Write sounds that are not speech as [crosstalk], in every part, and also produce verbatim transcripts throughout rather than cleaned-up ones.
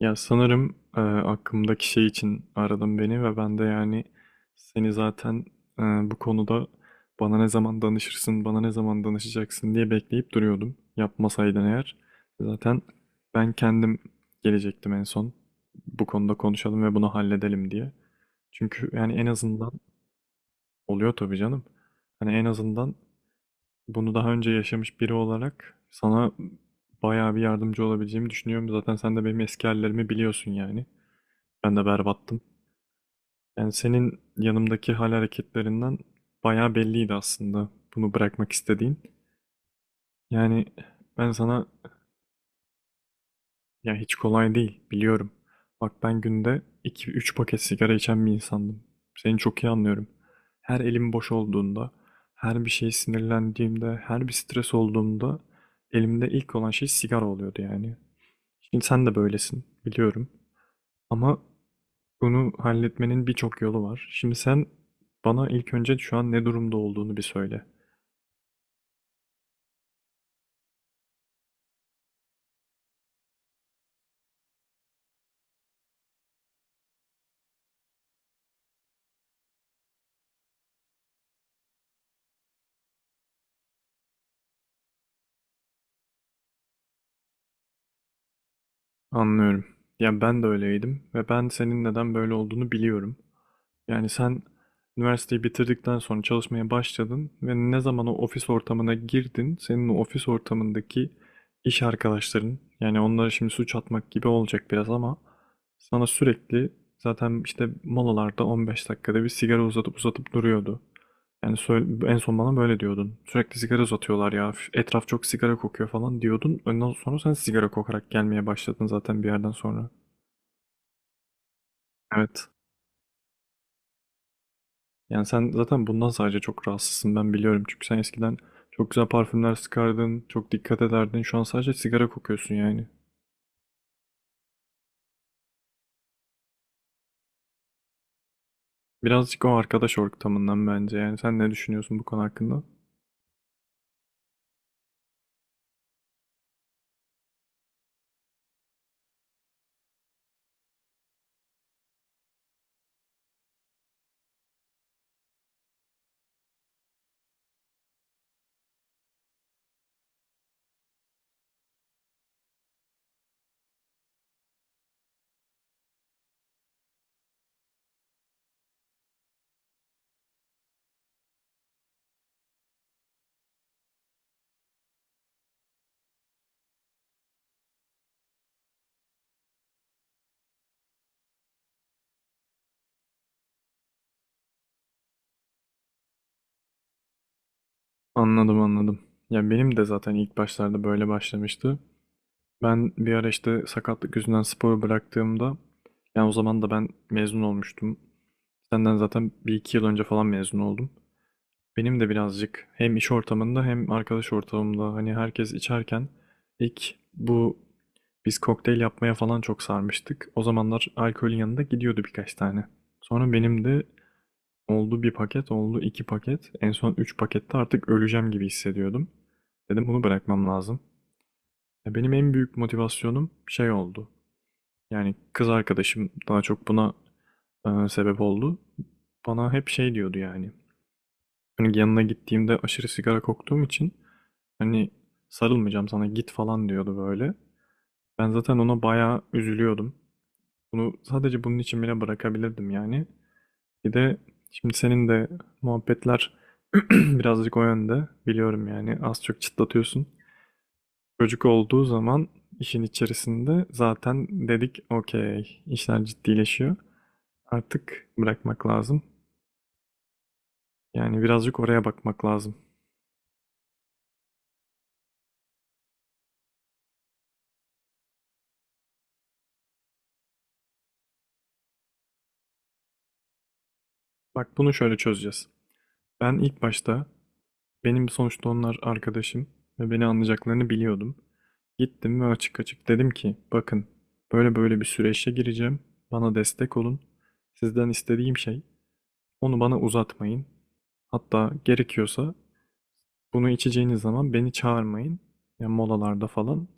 Ya sanırım e, aklımdaki şey için aradın beni ve ben de yani seni zaten e, bu konuda bana ne zaman danışırsın, bana ne zaman danışacaksın diye bekleyip duruyordum. Yapmasaydın eğer zaten ben kendim gelecektim en son. Bu konuda konuşalım ve bunu halledelim diye. Çünkü yani en azından oluyor tabii canım. Hani en azından bunu daha önce yaşamış biri olarak sana bayağı bir yardımcı olabileceğimi düşünüyorum. Zaten sen de benim eski hallerimi biliyorsun yani. Ben de berbattım. Yani senin yanımdaki hal hareketlerinden bayağı belliydi aslında bunu bırakmak istediğin. Yani ben sana, ya, hiç kolay değil, biliyorum. Bak ben günde iki üç paket sigara içen bir insandım. Seni çok iyi anlıyorum. Her elim boş olduğunda, her bir şeye sinirlendiğimde, her bir stres olduğumda elimde ilk olan şey sigara oluyordu yani. Şimdi sen de böylesin biliyorum. Ama Bunu halletmenin birçok yolu var. Şimdi sen bana ilk önce şu an ne durumda olduğunu bir söyle. Anlıyorum. Ya ben de öyleydim ve ben senin neden böyle olduğunu biliyorum. Yani sen üniversiteyi bitirdikten sonra çalışmaya başladın ve ne zaman o ofis ortamına girdin, senin o ofis ortamındaki iş arkadaşların, yani onlara şimdi suç atmak gibi olacak biraz ama sana sürekli zaten işte molalarda on beş dakikada bir sigara uzatıp uzatıp duruyordu. Yani söyle- en son bana böyle diyordun. Sürekli sigara uzatıyorlar ya, etraf çok sigara kokuyor falan diyordun. Ondan sonra sen sigara kokarak gelmeye başladın zaten bir yerden sonra. Evet. Yani sen zaten bundan sadece çok rahatsızsın ben biliyorum. Çünkü sen eskiden çok güzel parfümler sıkardın, çok dikkat ederdin. Şu an sadece sigara kokuyorsun yani. Birazcık o arkadaş ortamından bence yani. Sen ne düşünüyorsun bu konu hakkında? Anladım, anladım. Ya benim de zaten ilk başlarda böyle başlamıştı. Ben bir ara işte sakatlık yüzünden sporu bıraktığımda yani o zaman da ben mezun olmuştum. Senden zaten bir iki yıl önce falan mezun oldum. Benim de birazcık hem iş ortamında hem arkadaş ortamında hani herkes içerken ilk bu biz kokteyl yapmaya falan çok sarmıştık. O zamanlar alkolün yanında gidiyordu birkaç tane. Sonra benim de oldu bir paket, oldu iki paket. En son üç pakette artık öleceğim gibi hissediyordum. Dedim bunu bırakmam lazım. Ya Benim en büyük motivasyonum şey oldu. Yani kız arkadaşım daha çok buna e, sebep oldu. Bana hep şey diyordu yani. Hani yanına gittiğimde aşırı sigara koktuğum için, hani sarılmayacağım sana, git falan diyordu böyle. Ben zaten ona bayağı üzülüyordum. Bunu sadece bunun için bile bırakabilirdim yani. Bir de şimdi senin de muhabbetler [clears throat] birazcık o yönde. Biliyorum yani az çok çıtlatıyorsun. Çocuk olduğu zaman işin içerisinde zaten dedik okey, işler ciddileşiyor. Artık bırakmak lazım. Yani birazcık oraya bakmak lazım. Bak, bunu şöyle çözeceğiz. Ben ilk başta, benim sonuçta onlar arkadaşım ve beni anlayacaklarını biliyordum. Gittim ve açık açık dedim ki, bakın böyle böyle bir süreçe gireceğim. Bana destek olun. Sizden istediğim şey onu bana uzatmayın. Hatta gerekiyorsa bunu içeceğiniz zaman beni çağırmayın. Yani molalarda falan.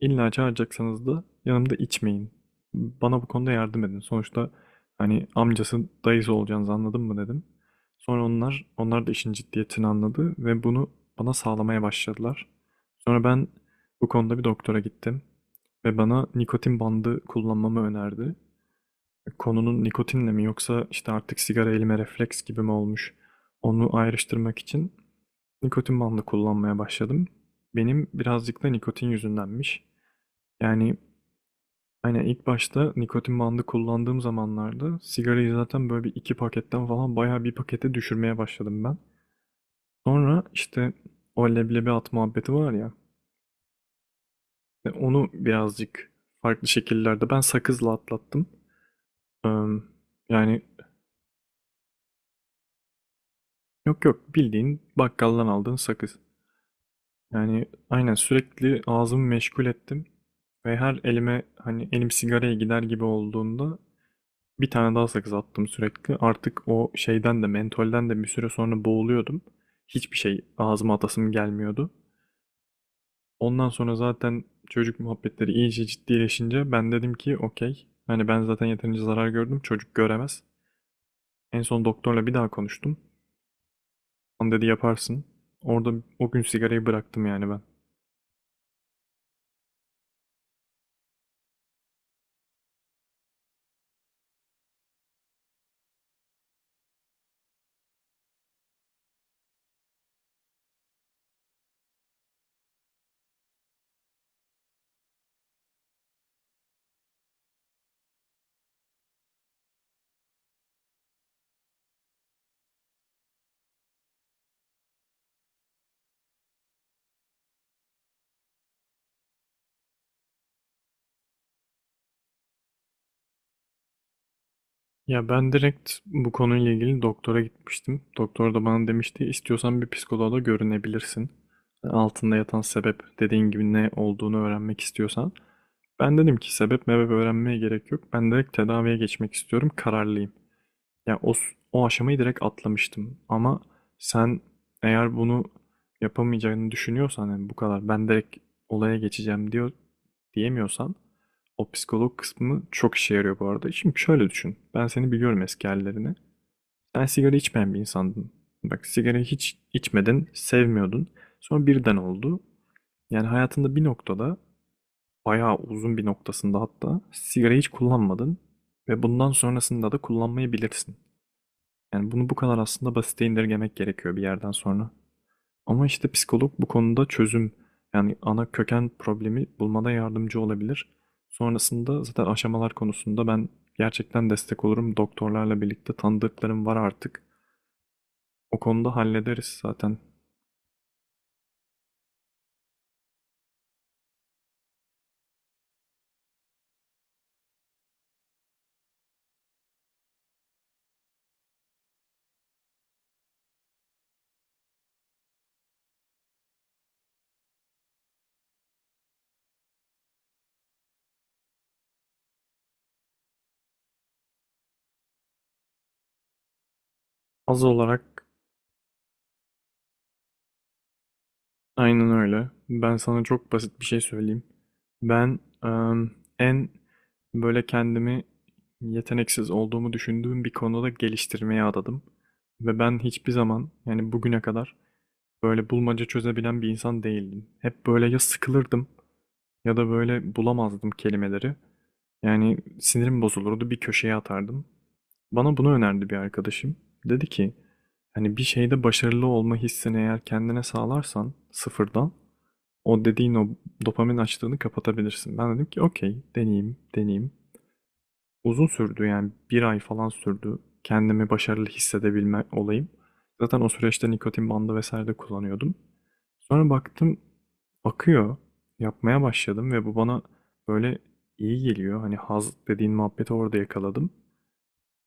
İlla çağıracaksanız da yanımda içmeyin. Bana bu konuda yardım edin. Sonuçta hani amcası dayısı olacağınızı anladın mı dedim. Sonra onlar onlar da işin ciddiyetini anladı ve bunu bana sağlamaya başladılar. Sonra ben bu konuda bir doktora gittim ve bana nikotin bandı kullanmamı önerdi. Konunun nikotinle mi yoksa işte artık sigara elime refleks gibi mi olmuş onu ayrıştırmak için Nikotin bandı kullanmaya başladım. Benim birazcık da nikotin yüzündenmiş. Yani hani ilk başta nikotin bandı kullandığım zamanlarda sigarayı zaten böyle bir iki paketten falan bayağı bir pakete düşürmeye başladım ben. Sonra işte o leblebi at muhabbeti var ya, e, onu birazcık farklı şekillerde ben sakızla atlattım. Eee, Yani, yok yok, bildiğin bakkaldan aldığın sakız. Yani aynen sürekli ağzımı meşgul ettim ve her elime hani elim sigaraya gider gibi olduğunda bir tane daha sakız attım sürekli. Artık o şeyden de mentolden de bir süre sonra boğuluyordum. Hiçbir şey ağzıma atasım gelmiyordu. Ondan sonra zaten çocuk muhabbetleri iyice ciddileşince ben dedim ki okey. Hani ben zaten yeterince zarar gördüm, çocuk göremez. En son doktorla bir daha konuştum. Onu dedi yaparsın. Orada o gün sigarayı bıraktım yani ben. Ya ben direkt bu konuyla ilgili doktora gitmiştim. Doktor da bana demişti istiyorsan bir psikoloğa da görünebilirsin. Altında yatan sebep dediğin gibi ne olduğunu öğrenmek istiyorsan. Ben dedim ki sebep mebep öğrenmeye gerek yok. Ben direkt tedaviye geçmek istiyorum. Kararlıyım. Yani o, s- o aşamayı direkt atlamıştım. Ama sen eğer bunu yapamayacağını düşünüyorsan, yani bu kadar ben direkt olaya geçeceğim diyor diyemiyorsan, o psikolog kısmı çok işe yarıyor bu arada. Şimdi şöyle düşün. Ben seni biliyorum, eski hallerini. Sen sigara içmeyen bir insandın. Bak, sigarayı hiç içmedin, sevmiyordun. Sonra birden oldu. Yani hayatında bir noktada, bayağı uzun bir noktasında hatta sigarayı hiç kullanmadın ve bundan sonrasında da kullanmayı bilirsin. Yani bunu bu kadar aslında basite indirgemek gerekiyor bir yerden sonra. Ama işte psikolog bu konuda çözüm, yani ana köken problemi bulmada yardımcı olabilir. Sonrasında zaten aşamalar konusunda ben gerçekten destek olurum. Doktorlarla birlikte tanıdıklarım var artık. O konuda hallederiz zaten. Az olarak. Aynen öyle. Ben sana çok basit bir şey söyleyeyim. Ben em, en böyle kendimi yeteneksiz olduğumu düşündüğüm bir konuda geliştirmeye adadım. Ve ben hiçbir zaman, yani bugüne kadar, böyle bulmaca çözebilen bir insan değildim. Hep böyle ya sıkılırdım ya da böyle bulamazdım kelimeleri. Yani sinirim bozulurdu, bir köşeye atardım. Bana bunu önerdi bir arkadaşım. Dedi ki, hani bir şeyde başarılı olma hissini eğer kendine sağlarsan sıfırdan, o dediğin o dopamin açlığını kapatabilirsin. Ben dedim ki okey, deneyeyim, deneyeyim. Uzun sürdü, yani bir ay falan sürdü kendimi başarılı hissedebilme olayım. Zaten o süreçte nikotin bandı vesaire de kullanıyordum. Sonra baktım akıyor, yapmaya başladım ve bu bana böyle iyi geliyor. Hani haz dediğin muhabbeti orada yakaladım.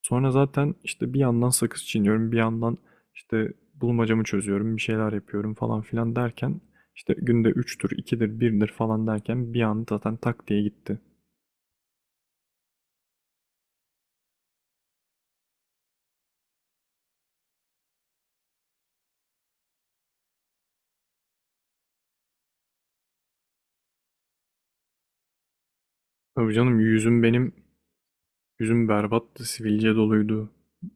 Sonra zaten işte bir yandan sakız çiğniyorum, bir yandan işte bulmacamı çözüyorum, bir şeyler yapıyorum falan filan derken işte günde üçtür, ikidir, birdir falan derken bir anda zaten tak diye gitti. Tabii canım, yüzüm benim Yüzüm berbattı, sivilce doluydu.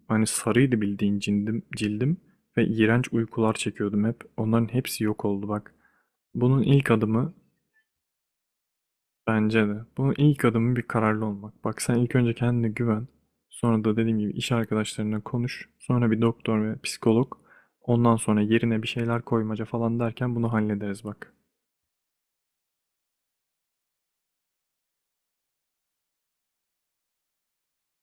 Hani sarıydı bildiğin cildim, cildim, ve iğrenç uykular çekiyordum hep. Onların hepsi yok oldu bak. Bunun ilk adımı bence de. Bunun ilk adımı bir kararlı olmak. Bak sen ilk önce kendine güven. Sonra da dediğim gibi iş arkadaşlarına konuş. Sonra bir doktor ve psikolog. Ondan sonra yerine bir şeyler koymaca falan derken bunu hallederiz bak.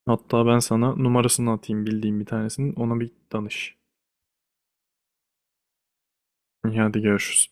Hatta ben sana numarasını atayım bildiğim bir tanesinin. Ona bir danış. İyi, hadi görüşürüz.